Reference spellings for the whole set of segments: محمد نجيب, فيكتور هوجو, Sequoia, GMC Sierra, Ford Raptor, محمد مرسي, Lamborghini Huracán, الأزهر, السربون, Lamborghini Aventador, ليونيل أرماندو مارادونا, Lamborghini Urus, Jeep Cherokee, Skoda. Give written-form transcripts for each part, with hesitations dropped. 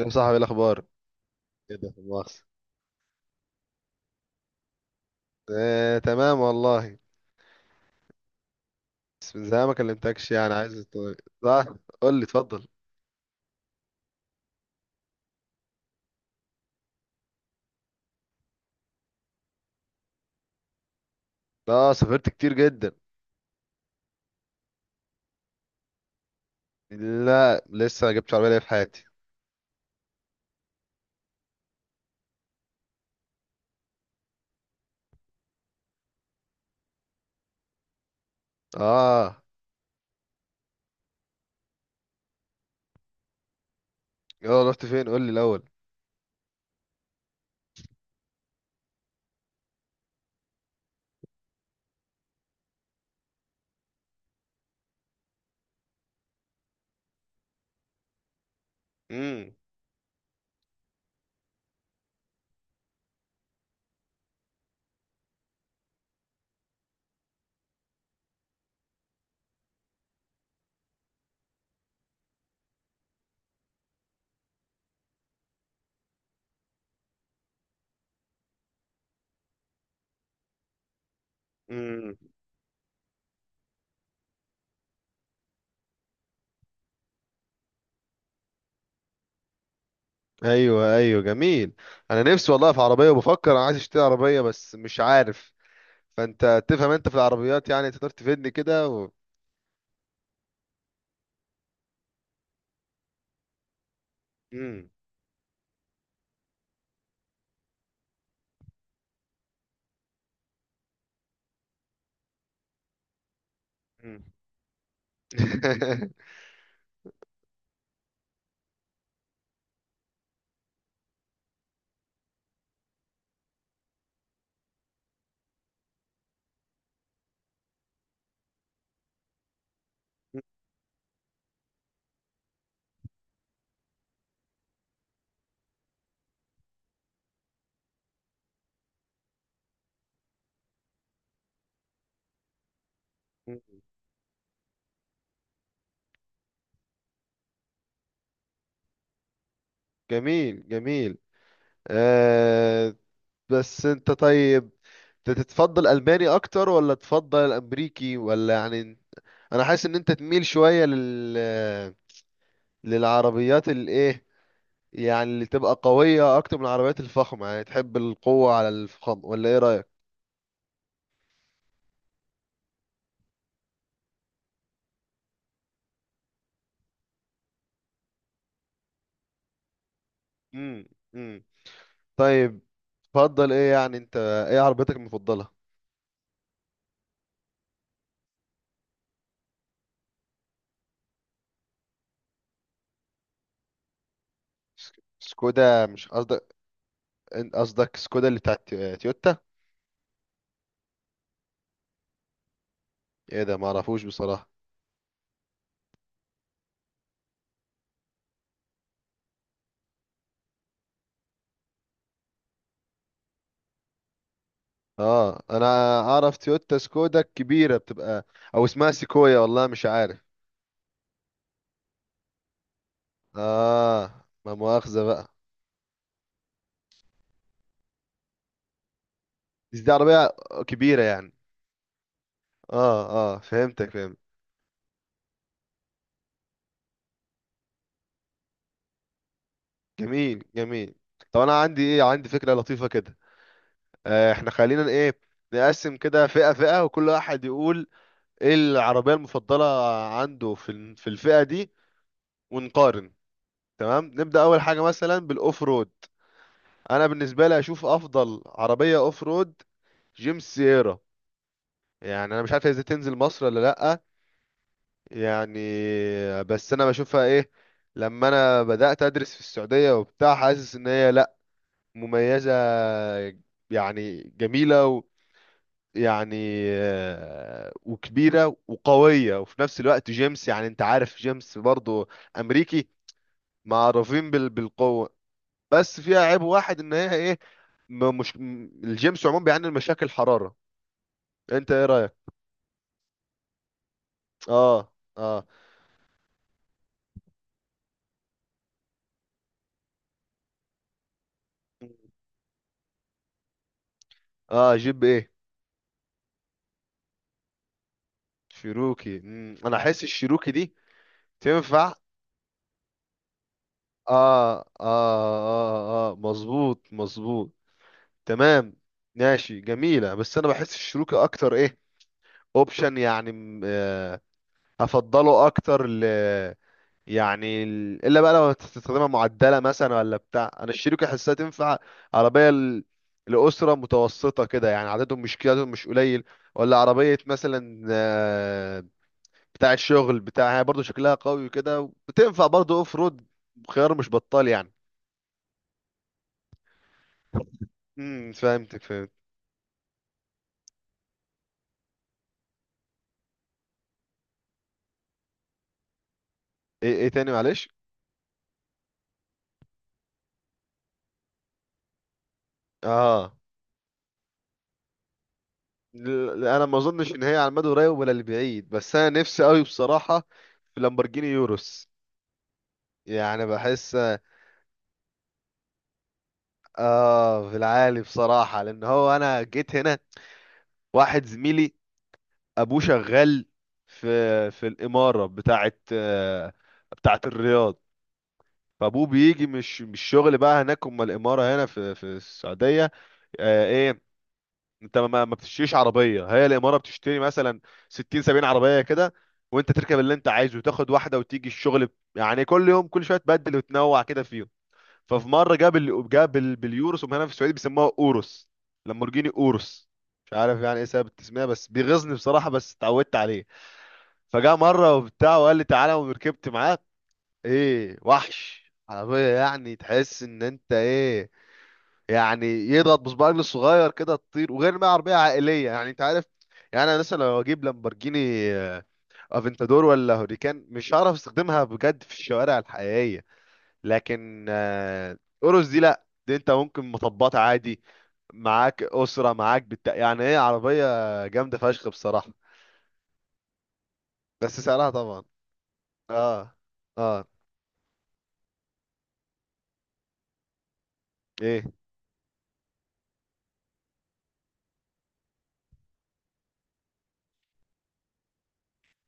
يا صاحبي، إيه الاخبار؟ كده مؤاخذة. تمام والله. بس من زمان ما كلمتكش، يعني عايز صح، قول لي اتفضل. اه، سافرت كتير جدا. لا لسه ما جبتش عربيه ليا في حياتي. اه، يلا رحت فين؟ قول لي الاول. امم. امم. ايوه، ايوه، جميل. انا نفسي والله في عربيه، وبفكر انا عايز اشتري عربيه بس مش عارف. فانت تفهم، انت في العربيات يعني تقدر تفيدني كده امم. أمم. مم. جميل، جميل. آه بس انت طيب، انت تتفضل الماني اكتر ولا تفضل الامريكي، ولا يعني انا حاسس ان انت تميل شوية للعربيات الايه، يعني اللي تبقى قوية اكتر من العربيات الفخمة. يعني تحب القوة على الفخامة، ولا ايه رأيك؟ امم. طيب، تفضل ايه يعني انت؟ ايه عربيتك المفضلة؟ سكودا، مش قصدك؟ قصدك سكودا اللي بتاعت تويوتا؟ ايه ده؟ ما اعرفوش بصراحة. اه انا اعرف تويوتا سكودا الكبيرة بتبقى، او اسمها سيكويا، والله مش عارف. اه، ما مؤاخذة بقى. بس دي عربية كبيرة يعني. اه، اه، فهمتك فهمت. جميل، جميل. طب انا عندي ايه؟ عندي فكرة لطيفة كده. آه، احنا خلينا ايه، نقسم كده فئة فئة، وكل واحد يقول ايه العربية المفضلة عنده في في الفئة دي، ونقارن. تمام، نبدأ أول حاجة مثلا بالأوف رود. أنا بالنسبة لي أشوف أفضل عربية أوف رود جيمس سييرا. يعني أنا مش عارف هي إزاي تنزل مصر ولا لأ، يعني. بس أنا بشوفها إيه، لما أنا بدأت أدرس في السعودية وبتاع، حاسس إن هي لأ، مميزة، يعني جميلة يعني. وكبيرة وقوية، وفي نفس الوقت جيمس، يعني انت عارف جيمس برضو امريكي، معروفين بالقوة. بس فيها عيب واحد، ان هي ايه، م- مش م- الجيمس عموما بيعاني من مشاكل حرارة. انت ايه رأيك؟ اه، اه. اه، جيب ايه؟ شيروكي. انا احس الشيروكي دي تنفع. اه، اه، اه، اه، مظبوط، مظبوط. تمام. ماشي، جميلة. بس انا بحس الشيروكي اكتر ايه، اوبشن يعني. هفضله اكتر ل، يعني الا بقى. لو هتستخدمها معدله مثلا ولا بتاع، انا الشيروكي احسها تنفع عربيه لاسره متوسطه كده، يعني عددهم مش كده، عددهم مش قليل. ولا عربيه مثلا بتاعه شغل بتاع، هي برضو شكلها قوي كده، بتنفع برضو اوف رود. خيار مش بطال يعني. امم، فهمتك فهمت. ايه ايه تاني معلش؟ اه، انا ما اظنش ان هي على المدى القريب ولا البعيد، بس انا نفسي قوي بصراحه في لامبورجيني يوروس. يعني بحس. اه، في العالي بصراحة. لان هو انا جيت هنا، واحد زميلي ابوه شغال في، في الإمارة بتاعت بتاعت الرياض. فابوه بيجي، مش شغل بقى هناك، اما الإمارة هنا في السعودية. ايه، انت ما بتشتريش عربية، هي الإمارة بتشتري مثلا 60 70 عربية كده، وانت تركب اللي انت عايزه وتاخد واحدة وتيجي الشغل. يعني كل يوم، كل شوية تبدل وتنوع كده فيهم. ففي مره باليوروس، هم هنا في السعوديه بيسموها اوروس، لامبورجيني اوروس. مش عارف يعني ايه سبب التسميه، بس بيغيظني بصراحه، بس اتعودت عليه. فجاء مره وبتاع وقال لي تعالى، وركبت معاه. ايه وحش عربيه! يعني تحس ان انت ايه، يعني يضغط بصبع رجله الصغير كده تطير. وغير ما هي عربيه عائليه، يعني انت عارف. يعني انا مثلا لو اجيب لامبورجيني آه، افنتادور ولا هوريكان، مش هعرف استخدمها بجد في الشوارع الحقيقيه. لكن أورس دي لا، دي انت ممكن مطبات عادي. معاك أسرة، معاك يعني ايه عربية جامدة فشخ بصراحة. بس سعرها طبعا. اه، اه. ايه،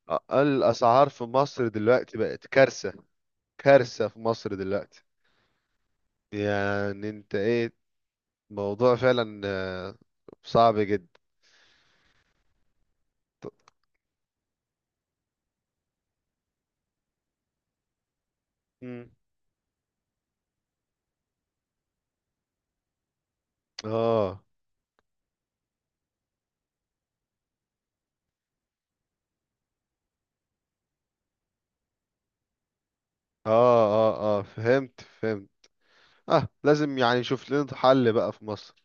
الأسعار في مصر دلوقتي بقت كارثة، كارثة في مصر دلوقتي. يعني انت ايه؟ موضوع فعلا صعب جدا. مم. اه، اه، اه، اه، فهمت، فهمت. اه، لازم يعني نشوف لنا حل بقى في مصر.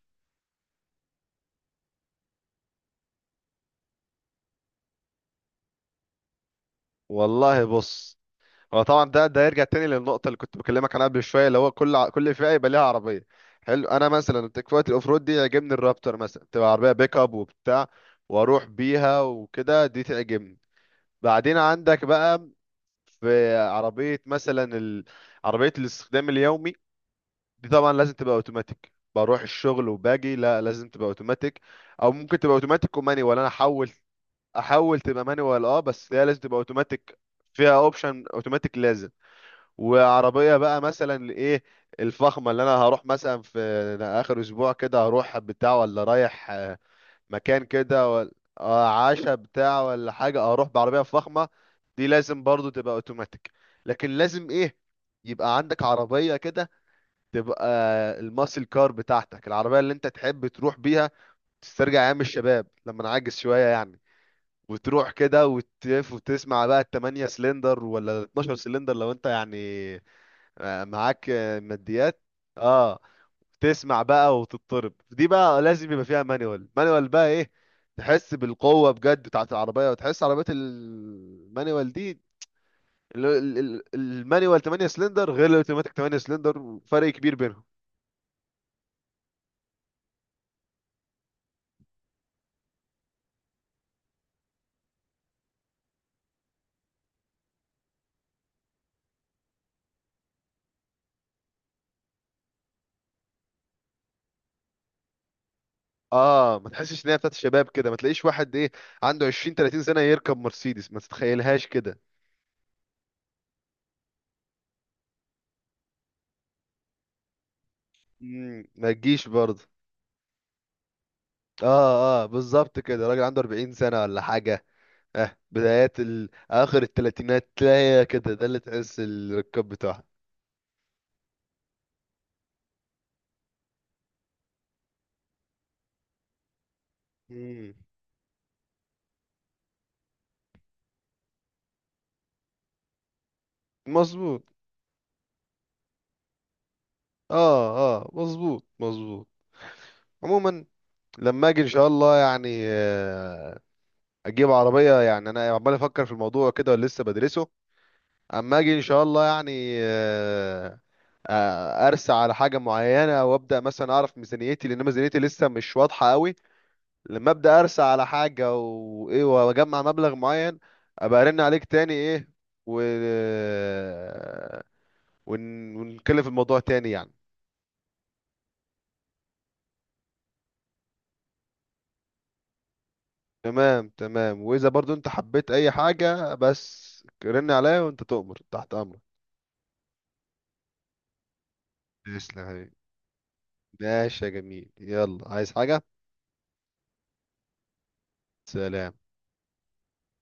والله بص، هو طبعا ده يرجع تاني للنقطة اللي كنت بكلمك عنها قبل شوية، اللي هو كل كل فئة يبقى ليها عربية. حلو، أنا مثلا في وقت الأوف رود دي يعجبني الرابتر مثلا، تبقى عربية بيك أب وبتاع، وأروح بيها وكده، دي تعجبني. بعدين عندك بقى في عربية مثلا عربية الاستخدام اليومي. دي طبعا لازم تبقى أوتوماتيك، بروح الشغل وباجي، لا لازم تبقى أوتوماتيك. أو ممكن تبقى أوتوماتيك ومانيوال، أنا أحول، أحول تبقى مانيوال. أه، بس هي لازم تبقى أوتوماتيك، فيها أوبشن أوتوماتيك لازم. وعربيه بقى مثلا لايه، الفخمه، اللي انا هروح مثلا في اخر اسبوع كده هروح بتاع، ولا رايح مكان كده، ولا عشا بتاع ولا حاجه، اروح بعربيه فخمه. دي لازم برضو تبقى اوتوماتيك. لكن لازم ايه، يبقى عندك عربيه كده تبقى الماسل كار بتاعتك، العربيه اللي انت تحب تروح بيها تسترجع ايام الشباب لما نعجز شويه يعني. وتروح كده وتلف وتسمع بقى التمانية سلندر ولا 12 سلندر، لو انت يعني معاك ماديات. اه، تسمع بقى وتضطرب. دي بقى لازم يبقى فيها مانيوال. مانيوال بقى ايه، تحس بالقوة بجد بتاعت العربية، وتحس عربية المانيوال دي. المانيوال 8 سلندر غير الاوتوماتيك 8 سلندر، فرق كبير بينهم. اه، ما تحسش ان هي بتاعت الشباب كده، ما تلاقيش واحد ايه، عنده 20 30 سنة يركب مرسيدس، ما تتخيلهاش كده. مم، ما تجيش برضه. اه، اه، بالظبط كده. راجل عنده 40 سنة ولا حاجة. اه، بدايات اخر الثلاثينات تلاقي كده، ده اللي تحس الركاب بتاعها. مم. مظبوط. اه، اه، مظبوط، مظبوط. عموما، لما اجي ان شاء الله يعني اجيب عربيه، يعني انا عمال افكر في الموضوع كده، ولسه بدرسه. اما اجي ان شاء الله يعني، آه، ارسى على حاجه معينه، وابدا مثلا اعرف ميزانيتي، لان ميزانيتي لسه مش واضحه قوي. لما ابدا ارسى على حاجه وايه، واجمع مبلغ معين، ابقى ارن عليك تاني، ايه، و ون... ونتكلم في الموضوع تاني يعني. تمام، تمام، واذا برضو انت حبيت اي حاجه بس رن عليا، وانت تؤمر، تحت امرك. تسلم يا حبيبي. ماشي يا جميل، يلا عايز حاجه؟ سلام.